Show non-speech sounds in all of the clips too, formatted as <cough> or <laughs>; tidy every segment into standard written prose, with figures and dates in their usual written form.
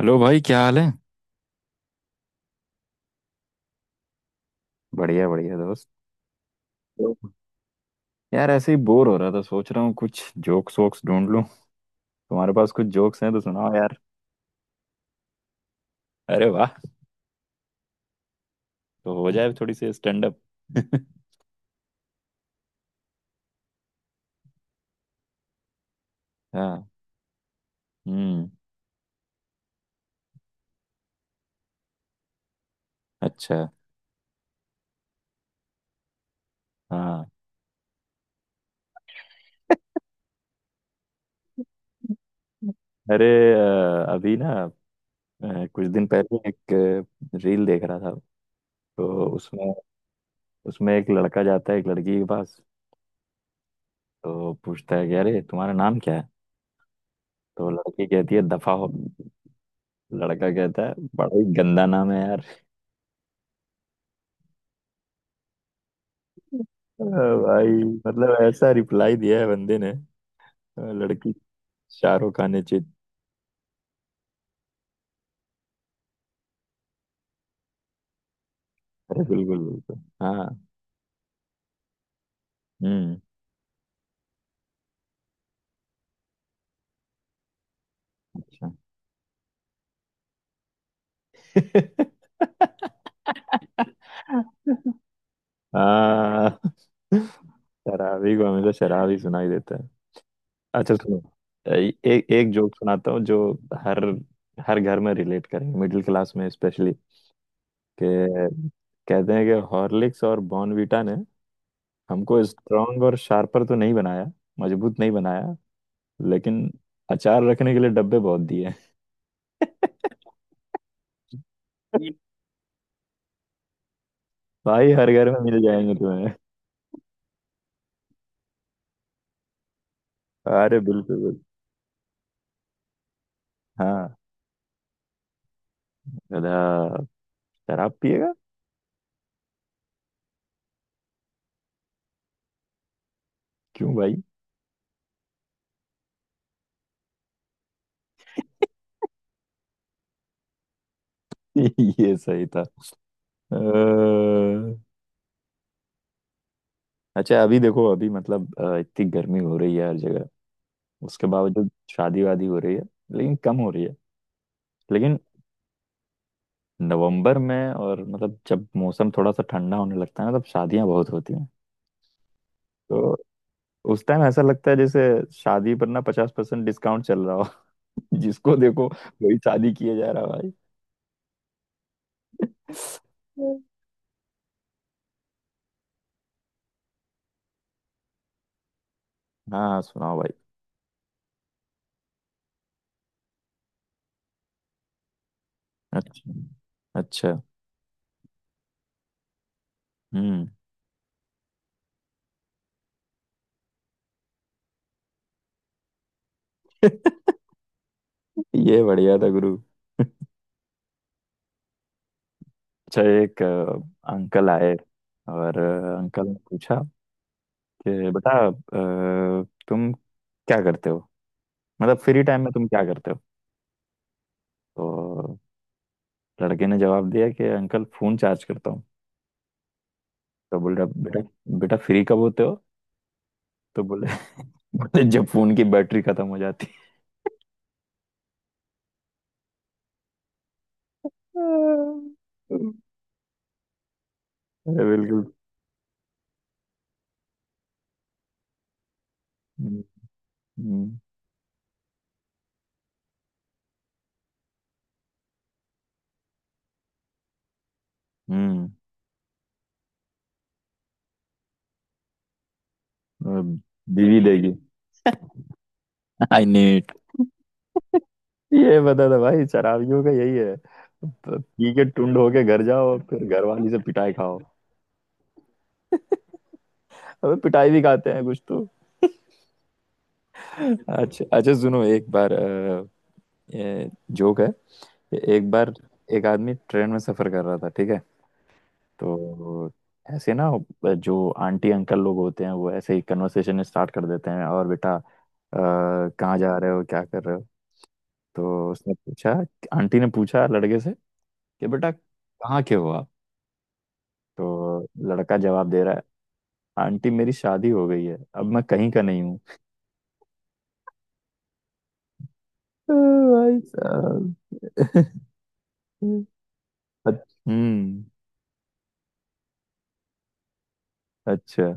Hello भाई, क्या हाल है? बढ़िया बढ़िया दोस्त। हेलो। यार ऐसे ही बोर हो रहा था, सोच रहा हूँ कुछ जोक्स वोक्स ढूंढ लूँ। तुम्हारे पास कुछ जोक्स हैं तो सुनाओ यार। अरे वाह। तो हो जाए थोड़ी सी स्टैंड अप। <laughs> हाँ। हम्म। अच्छा। हाँ। अरे, अभी ना, कुछ दिन पहले एक रील देख रहा था। तो उसमें, उसमें एक लड़का जाता है एक लड़की के पास। तो पूछता है कि अरे तुम्हारा नाम क्या है? तो लड़की कहती है दफा हो। लड़का कहता है बड़ा ही गंदा नाम है यार। अरे भाई, मतलब ऐसा रिप्लाई दिया है बंदे ने। लड़की शाहरुख खान ने चित। अरे बिल्कुल बिल्कुल, हाँ। हम्म। अच्छा। <laughs> हाँ। शराबी को हमेशा शराब ही सुनाई देता है। अच्छा सुनो, एक एक जोक सुनाता हूँ जो हर हर घर में रिलेट करेंगे, मिडिल क्लास में स्पेशली। कि कहते हैं कि हॉर्लिक्स और बॉर्नवीटा ने हमको स्ट्रांग और शार्पर तो नहीं बनाया, मजबूत नहीं बनाया, लेकिन अचार रखने के लिए डब्बे बहुत दिए। <laughs> ये- भाई हर घर में मिल जाएंगे तुम्हें। अरे बिल्कुल बिल्कुल। हाँ। गधा शराब पिएगा। क्यों भाई? <laughs> ये सही था। अ, अच्छा, अभी देखो, अभी मतलब इतनी गर्मी हो रही है हर जगह। उसके बावजूद शादी वादी हो रही है, लेकिन कम हो रही है। लेकिन नवंबर में, और मतलब जब मौसम थोड़ा सा ठंडा होने लगता है ना, तब शादियां बहुत होती हैं। तो उस टाइम ऐसा लगता है जैसे शादी पर ना 50% डिस्काउंट चल रहा हो। <laughs> जिसको देखो वही शादी किया जा रहा है भाई। हम्म। हाँ सुनाओ भाई। अच्छा। अच्छा। हम्म। <laughs> ये बढ़िया था गुरु। <laughs> अच्छा, एक अंकल आए, और अंकल ने पूछा कि बेटा, तुम क्या करते हो? मतलब फ्री टाइम में तुम क्या करते हो? तो लड़के ने जवाब दिया कि अंकल फोन चार्ज करता हूँ। तो बोल रहा, बेटा बेटा फ्री कब होते हो? तो बोले, <laughs> बोले जब फोन की बैटरी खत्म हो जाती है। अरे बिल्कुल। हम्म, हम्म। अब बीवी देगी। I need. ये बता था भाई, शराबियों का यही है, पी के टुंड होके घर जाओ और फिर घर वाली से पिटाई खाओ। अबे पिटाई भी खाते हैं कुछ तो। अच्छा अच्छा सुनो, एक बार जोक है। एक बार एक आदमी ट्रेन में सफर कर रहा था, ठीक है। तो ऐसे ना, जो आंटी अंकल लोग होते हैं वो ऐसे ही कन्वर्सेशन स्टार्ट कर देते हैं, और बेटा कहाँ जा रहे हो, क्या कर रहे हो? तो उसने पूछा, आंटी ने पूछा लड़के से कि बेटा कहाँ के हो आप? तो लड़का जवाब दे रहा है, आंटी मेरी शादी हो गई है, अब मैं कहीं का नहीं हूँ। भाई साहब। <laughs> हम्म। अच्छा।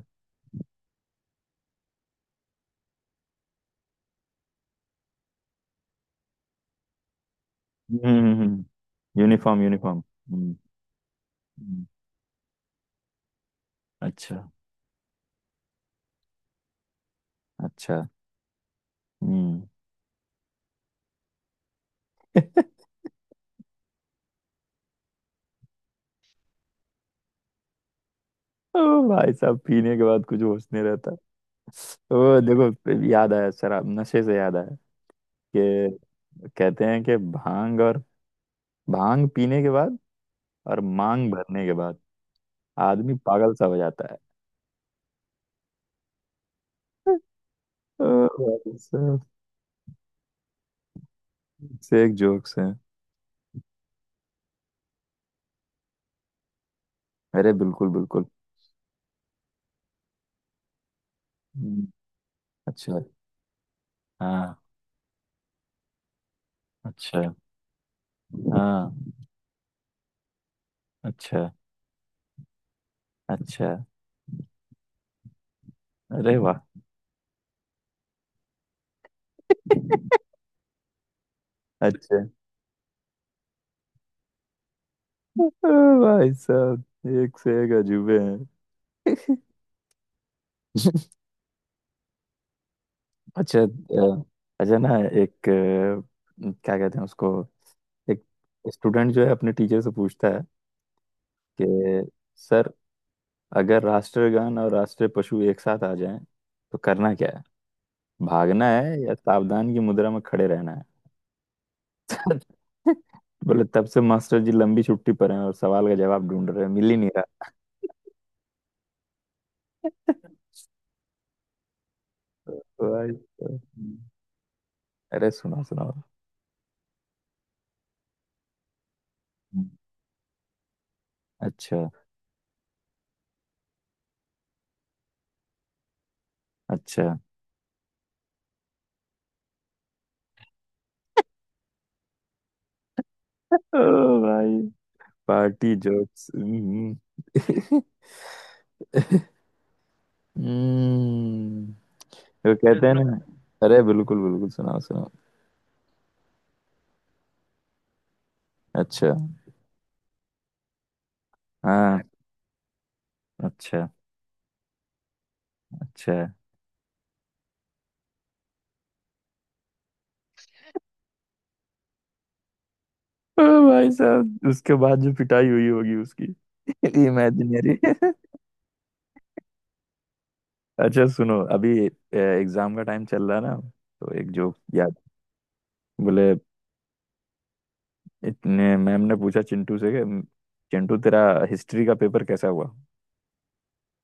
हम्म, यूनिफॉर्म यूनिफॉर्म, हम्म। uniform, uniform, हम्म। अच्छा। अच्छा। हम्म। <laughs> ओ भाई साहब, पीने के बाद कुछ होश नहीं रहता। ओ देखो याद आया, शराब नशे से याद आया कि कहते हैं कि भांग और, भांग पीने के बाद और मांग भरने के बाद आदमी पागल सा हो जाता है। ओ भाई साहब, से एक जोक्स है। अरे बिल्कुल बिल्कुल। हम्म। अच्छा हाँ। अच्छा हाँ। अच्छा। अच्छा। अरे वाह। <laughs> अच्छा। ओ भाई साहब, एक से एक अजूबे हैं। <laughs> अच्छा, अच्छा ना, एक क्या कहते हैं उसको, एक स्टूडेंट जो है, अपने टीचर से पूछता है कि सर, अगर राष्ट्रगान और राष्ट्रीय पशु एक साथ आ जाएं तो करना क्या है? भागना है या सावधान की मुद्रा में खड़े रहना है? <laughs> बोले तब से मास्टर जी लंबी छुट्टी पर हैं और सवाल का जवाब ढूंढ रहे हैं, मिल ही नहीं रहा। तो भाई। अरे सुना सुना। अच्छा। अच्छा। ओ भाई, पार्टी जोक्स। <laughs> हम्म। वो फिर कहते हैं, सुना ना। अरे बिल्कुल बिल्कुल, सुनाओ सुनाओ। अच्छा हाँ। अच्छा। अच्छा। ओ भाई साहब, उसके बाद जो पिटाई हुई होगी उसकी, <laughs> इमेजिनरी। अच्छा सुनो, अभी एग्जाम का टाइम चल रहा है ना, तो एक जोक याद। बोले इतने, मैम ने पूछा चिंटू से कि चिंटू तेरा हिस्ट्री का पेपर कैसा हुआ?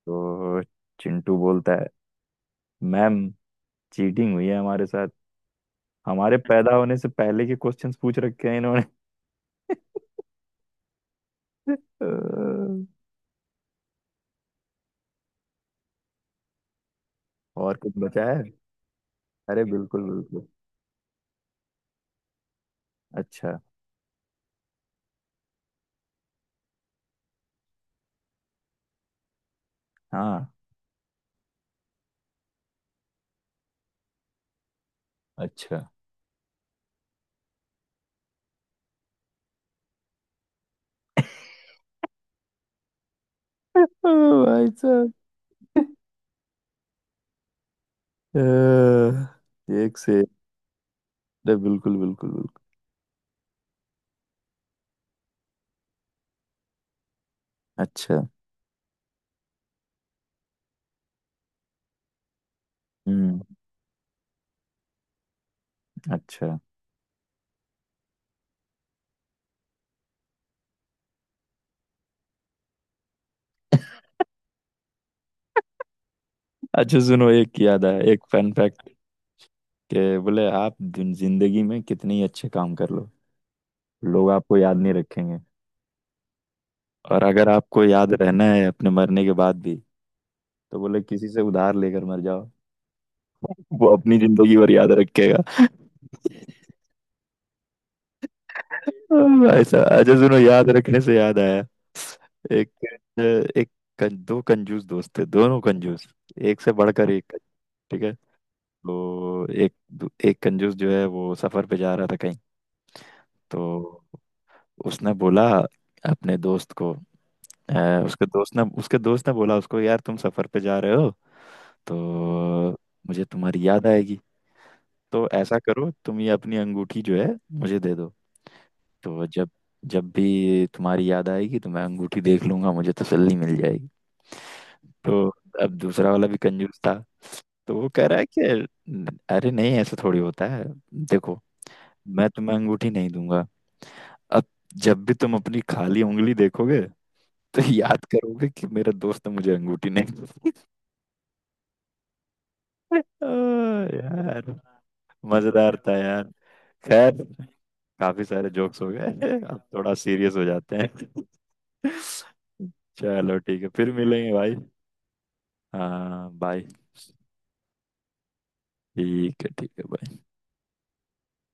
तो चिंटू बोलता है मैम, चीटिंग हुई है हमारे साथ, हमारे पैदा होने से पहले के क्वेश्चंस पूछ रखे हैं इन्होंने। अह, और कुछ बचा है? अरे बिल्कुल बिल्कुल। अच्छा। हाँ। अच्छा। अह, भाई साहब, एक से एक। अरे बिल्कुल बिल्कुल बिल्कुल। अच्छा। हम्म। अच्छा। अच्छा सुनो, एक याद है, एक फन फैक्ट के बोले, आप जिंदगी में कितने ही अच्छे काम कर लो, लोग आपको याद नहीं रखेंगे, और अगर आपको याद रहना है अपने मरने के बाद भी, तो बोले किसी से उधार लेकर मर जाओ। वो अपनी जिंदगी भर याद रखेगा। भाई साहब, अच्छा सुनो, याद रखने से याद आया। एक एक कं, दो कंजूस दोस्त थे, दोनों कंजूस, एक से बढ़कर एक, ठीक है। तो एक कंजूस जो है वो सफर पे जा रहा था कहीं। तो उसने बोला, अपने दोस्त को, उसके दोस्त ने बोला उसको, यार तुम सफर पे जा रहे हो, तो मुझे तुम्हारी याद आएगी, तो ऐसा करो, तुम ये अपनी अंगूठी जो है मुझे दे दो। तो जब जब भी तुम्हारी याद आएगी तो मैं अंगूठी देख लूंगा, मुझे तसल्ली मिल जाएगी। तो अब दूसरा वाला भी कंजूस था, तो वो कह रहा है कि अरे नहीं, ऐसा थोड़ी होता है। देखो, मैं तुम्हें अंगूठी नहीं दूंगा। अब जब भी तुम अपनी खाली उंगली देखोगे, तो याद करोगे कि मेरा दोस्त ने मुझे अंगूठी नहीं दी। <laughs> ओ यार, मजेदार था यार। खैर, काफी सारे जोक्स हो गए। अब थोड़ा सीरियस हो जाते हैं। <laughs> चलो ठीक है, फिर मिलेंगे भाई। हाँ बाय। ठीक है, ठीक है, bye।